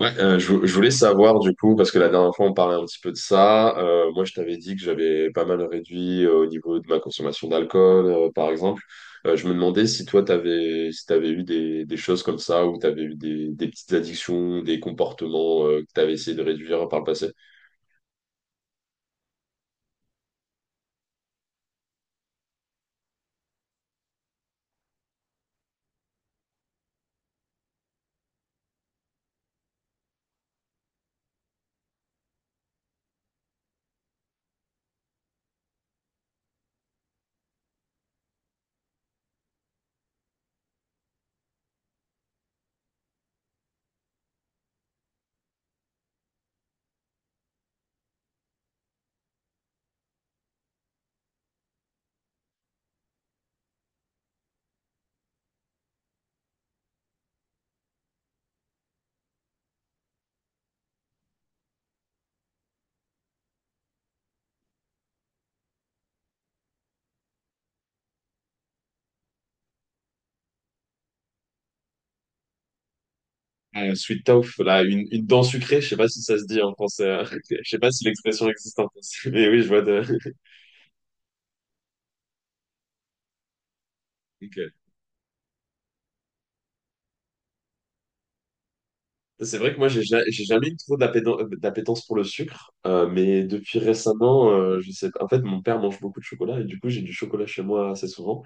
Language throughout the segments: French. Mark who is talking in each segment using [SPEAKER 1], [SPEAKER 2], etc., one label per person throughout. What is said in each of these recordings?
[SPEAKER 1] Ouais, je voulais savoir du coup, parce que la dernière fois on parlait un petit peu de ça, moi je t'avais dit que j'avais pas mal réduit au niveau de ma consommation d'alcool, par exemple. Je me demandais si toi t'avais si t'avais eu des choses comme ça, ou t'avais eu des petites addictions, des comportements que t'avais essayé de réduire par le passé. Sweet tooth, là, une dent sucrée, je sais pas si ça se dit en français. Je sais pas si l'expression existe en français, mais oui, je vois de... C'est vrai que moi, j'ai jamais eu trop d'appétence pour le sucre, mais depuis récemment, je sais pas. En fait, mon père mange beaucoup de chocolat et du coup, j'ai du chocolat chez moi assez souvent.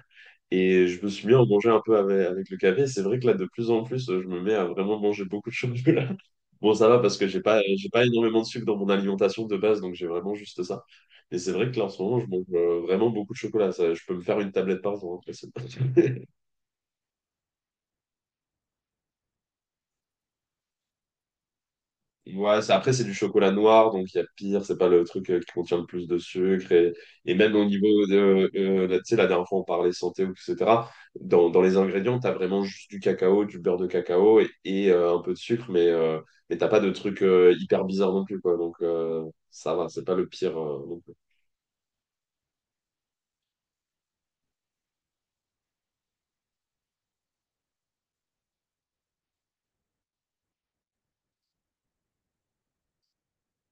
[SPEAKER 1] Et je me suis mis à en manger un peu avec, avec le café. C'est vrai que là, de plus en plus, je me mets à vraiment manger beaucoup de chocolat. Bon, ça va parce que j'ai pas énormément de sucre dans mon alimentation de base, donc j'ai vraiment juste ça. Et c'est vrai que là, en ce moment, je mange vraiment beaucoup de chocolat. Ça, je peux me faire une tablette par jour, hein. Après, c'est- Ouais, c'est- après, c'est du chocolat noir, donc il y a pire, c'est pas le truc qui contient le plus de sucre. Et même au niveau de, là, tu sais, la dernière fois, on parlait santé, etc. Dans les ingrédients, t'as vraiment juste du cacao, du beurre de cacao et, un peu de sucre, mais t'as pas de truc hyper bizarre non plus, quoi. Donc ça va, c'est pas le pire non plus.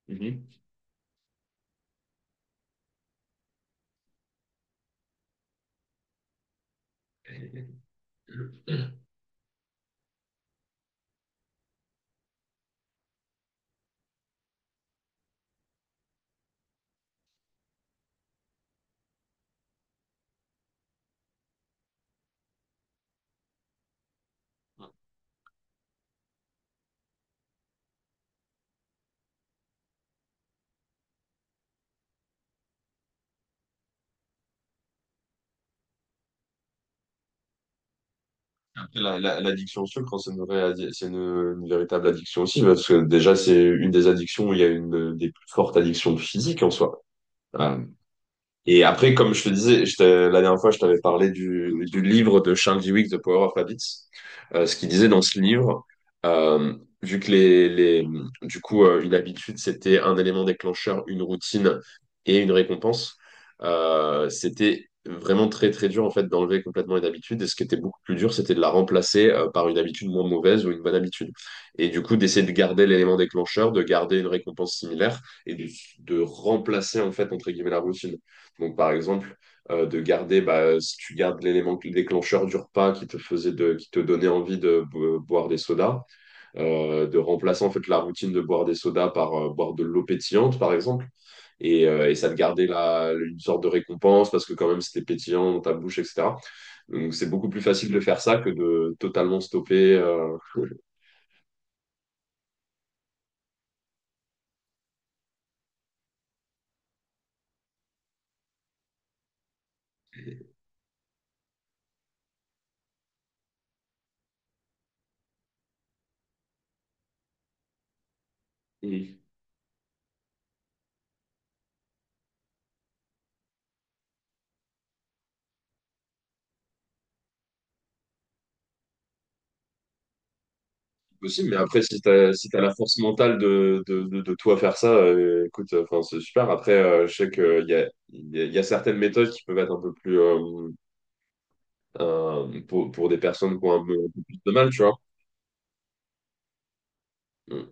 [SPEAKER 1] Mhm. Après, l'addiction au sucre, c'est une vraie addi- c'est une véritable addiction aussi, parce que déjà, c'est une des addictions où il y a une des plus fortes addictions physiques en soi. Et après, comme je te disais, la dernière fois, je t'avais parlé du livre de Charles Duhigg, The Power of Habits. Ce qu'il disait dans ce livre, euh, vu que du coup, une habitude, c'était un élément déclencheur, une routine et une récompense, c'était vraiment très dur, en fait, d'enlever complètement une habitude. Et ce qui était beaucoup plus dur, c'était de la remplacer, par une habitude moins mauvaise ou une bonne habitude. Et du coup, d'essayer de garder l'élément déclencheur, de garder une récompense similaire et de remplacer, en fait, entre guillemets, la routine. Donc, par exemple, de garder, bah, si tu gardes l'élément déclencheur du repas qui te faisait de, qui te donnait envie de boire des sodas, de remplacer en fait la routine de boire des sodas par boire de l'eau pétillante, par exemple. Et ça te gardait la, une sorte de récompense parce que quand même c'était pétillant dans ta bouche, etc. Donc c'est beaucoup plus facile de faire ça que de totalement stopper. euh, Possible, mais après, si t'as la force mentale de, de toi faire ça, écoute, enfin, c'est super. Après, je sais qu'il y a, y a certaines méthodes qui peuvent être un peu plus pour des personnes qui ont un peu plus de mal, tu vois. Mm.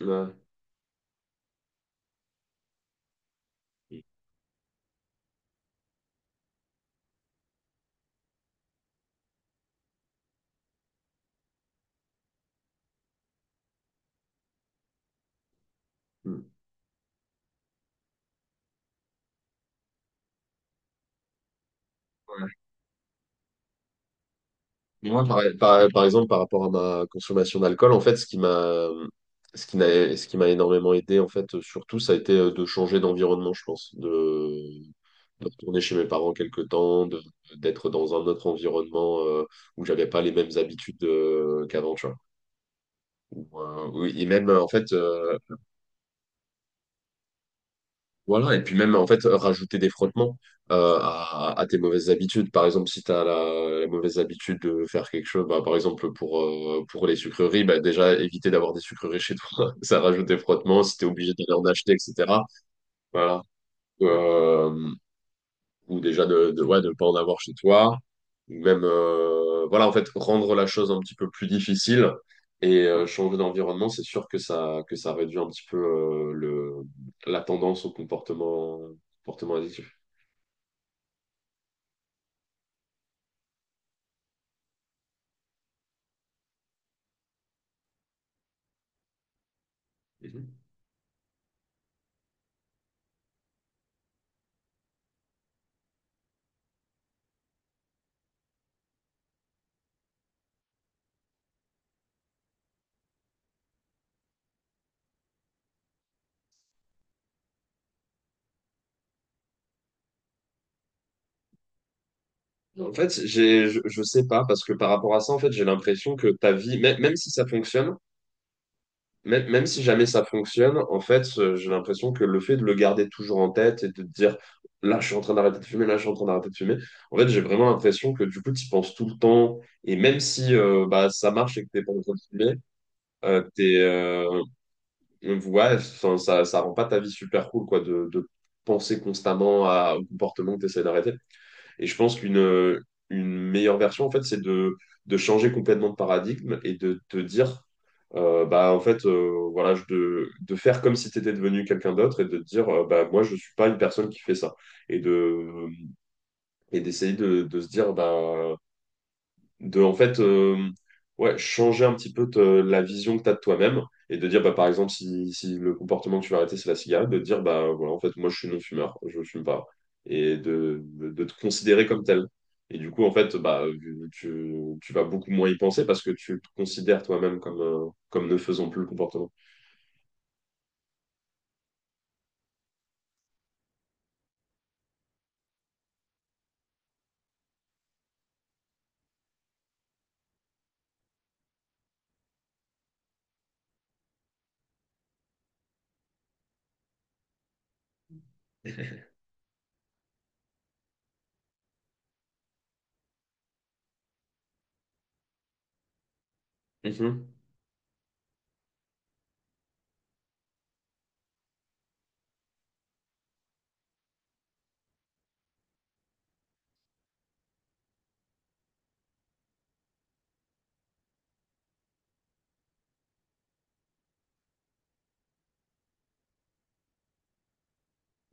[SPEAKER 1] Ouais. Mm. Moi, par, par exemple, par rapport à ma consommation d'alcool, en fait, ce qui m'a énormément aidé, en fait, surtout, ça a été de changer d'environnement, je pense, de retourner chez mes parents quelque temps, de, d'être dans un autre environnement où j'avais pas les mêmes habitudes qu'avant, tu vois. Ou, oui, et même, en fait, voilà, et puis même en fait, rajouter des frottements à tes mauvaises habitudes. Par exemple, si tu as la, la mauvaise habitude de faire quelque chose, bah, par exemple pour les sucreries, bah, déjà éviter d'avoir des sucreries chez toi, ça rajoute des frottements, si tu es obligé d'aller en acheter, etc. Voilà. Euh, ou déjà ouais, de pas en avoir chez toi, ou même, voilà, en fait, rendre la chose un petit peu plus difficile et changer d'environnement, c'est sûr que ça réduit un petit peu le, la tendance au comportement, comportement addictif. Mhm. En fait, je sais pas, parce que par rapport à ça, en fait, j'ai l'impression que ta vie, même si ça fonctionne, même, même si jamais ça fonctionne, en fait, j'ai l'impression que le fait de le garder toujours en tête et de te dire là, je suis en train d'arrêter de fumer, là, je suis en train d'arrêter de fumer, en fait, j'ai vraiment l'impression que du coup, tu y penses tout le temps. Et même si bah, ça marche et que t'es pas en train de fumer, t'es, ouais, enfin, ça rend pas ta vie super cool, quoi, de penser constamment à, au comportement que tu d'arrêter. Et je pense qu'une une meilleure version, en fait, c'est de changer complètement de paradigme et de te dire, bah, en fait, voilà, de faire comme si tu étais devenu quelqu'un d'autre et de te dire, bah, moi, je suis pas une personne qui fait ça. Et de, et d'essayer de se dire, bah, de en fait ouais, changer un petit peu la vision que tu as de toi-même et de dire bah, par exemple si le comportement que tu vas arrêter c'est la cigarette, de te dire bah voilà en fait moi je suis non-fumeur, je fume pas et de te considérer comme tel. Et du coup en fait bah tu, tu vas beaucoup moins y penser parce que tu te considères toi-même comme, comme ne faisant plus le comportement. Mhm.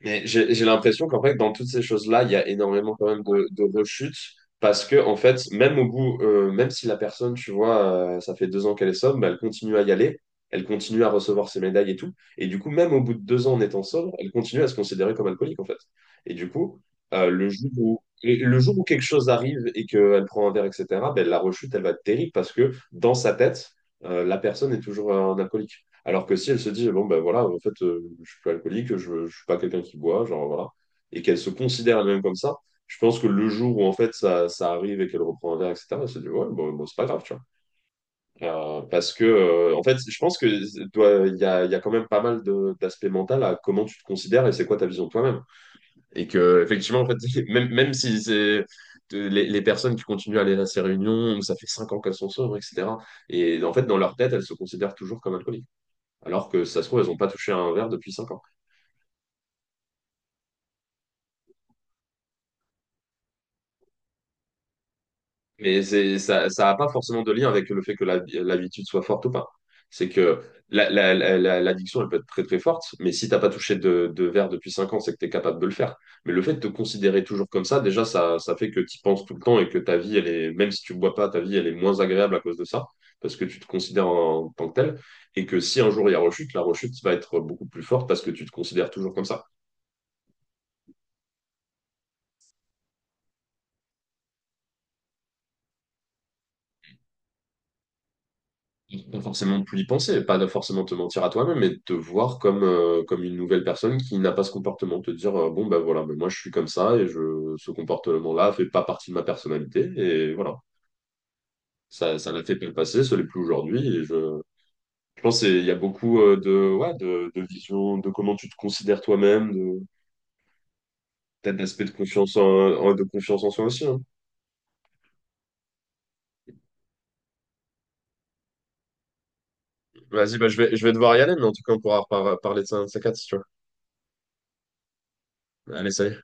[SPEAKER 1] Mais j'ai l'impression qu'en fait, dans toutes ces choses-là, il y a énormément quand même de rechutes parce que, en fait, même au bout, même si la personne, tu vois, ça fait 2 ans qu'elle est sobre, bah, elle continue à y aller, elle continue à recevoir ses médailles et tout. Et du coup, même au bout de 2 ans en étant sobre, elle continue à se considérer comme alcoolique, en fait. Et du coup, et le jour où quelque chose arrive et qu'elle prend un verre, etc., ben la rechute, elle va être terrible parce que dans sa tête, la personne est toujours un alcoolique. Alors que si elle se dit, bon, ben voilà, en fait, je suis pas alcoolique, je suis pas quelqu'un qui boit, genre voilà, et qu'elle se considère elle-même comme ça, je pense que le jour où en fait ça, ça arrive et qu'elle reprend un verre, etc., elle se dit, ouais, bon, c'est pas grave, tu vois. Parce que, en fait, je pense que toi, il y a quand même pas mal d'aspects mentaux à comment tu te considères et c'est quoi ta vision de toi-même. Et que, effectivement, en fait, même, même si c'est. Les personnes qui continuent à aller à ces réunions, ça fait cinq ans qu'elles sont sobres, etc. Et en fait, dans leur tête, elles se considèrent toujours comme alcooliques alors que si ça se trouve, elles n'ont pas touché un verre depuis 5 ans. Mais c'est, ça n'a pas forcément de lien avec le fait que l'habitude soit forte ou pas. C'est que la, l'addiction, elle peut être très forte, mais si t'as pas touché de verre depuis 5 ans, c'est que tu es capable de le faire. Mais le fait de te considérer toujours comme ça, déjà, ça fait que tu penses tout le temps et que ta vie, elle est, même si tu bois pas, ta vie, elle est moins agréable à cause de ça, parce que tu te considères en, en tant que tel, et que si un jour il y a rechute, la rechute va être beaucoup plus forte parce que tu te considères toujours comme ça. Pas forcément de plus y penser, pas de forcément te mentir à toi-même, mais de te voir comme, comme une nouvelle personne qui n'a pas ce comportement. Te dire, bon, ben voilà, mais moi je suis comme ça et je, ce comportement-là fait pas partie de ma personnalité. Et voilà, ça l'a fait pas le passé, ça l'est plus aujourd'hui. Et je pense qu'il y a beaucoup ouais, de vision, de comment tu te considères toi-même, de, peut-être d'aspect de confiance de confiance en soi aussi, hein. Vas-y, bah, je vais devoir y aller, mais en tout cas, on pourra parler de ça un de ces quatre, si tu vois. Allez, salut.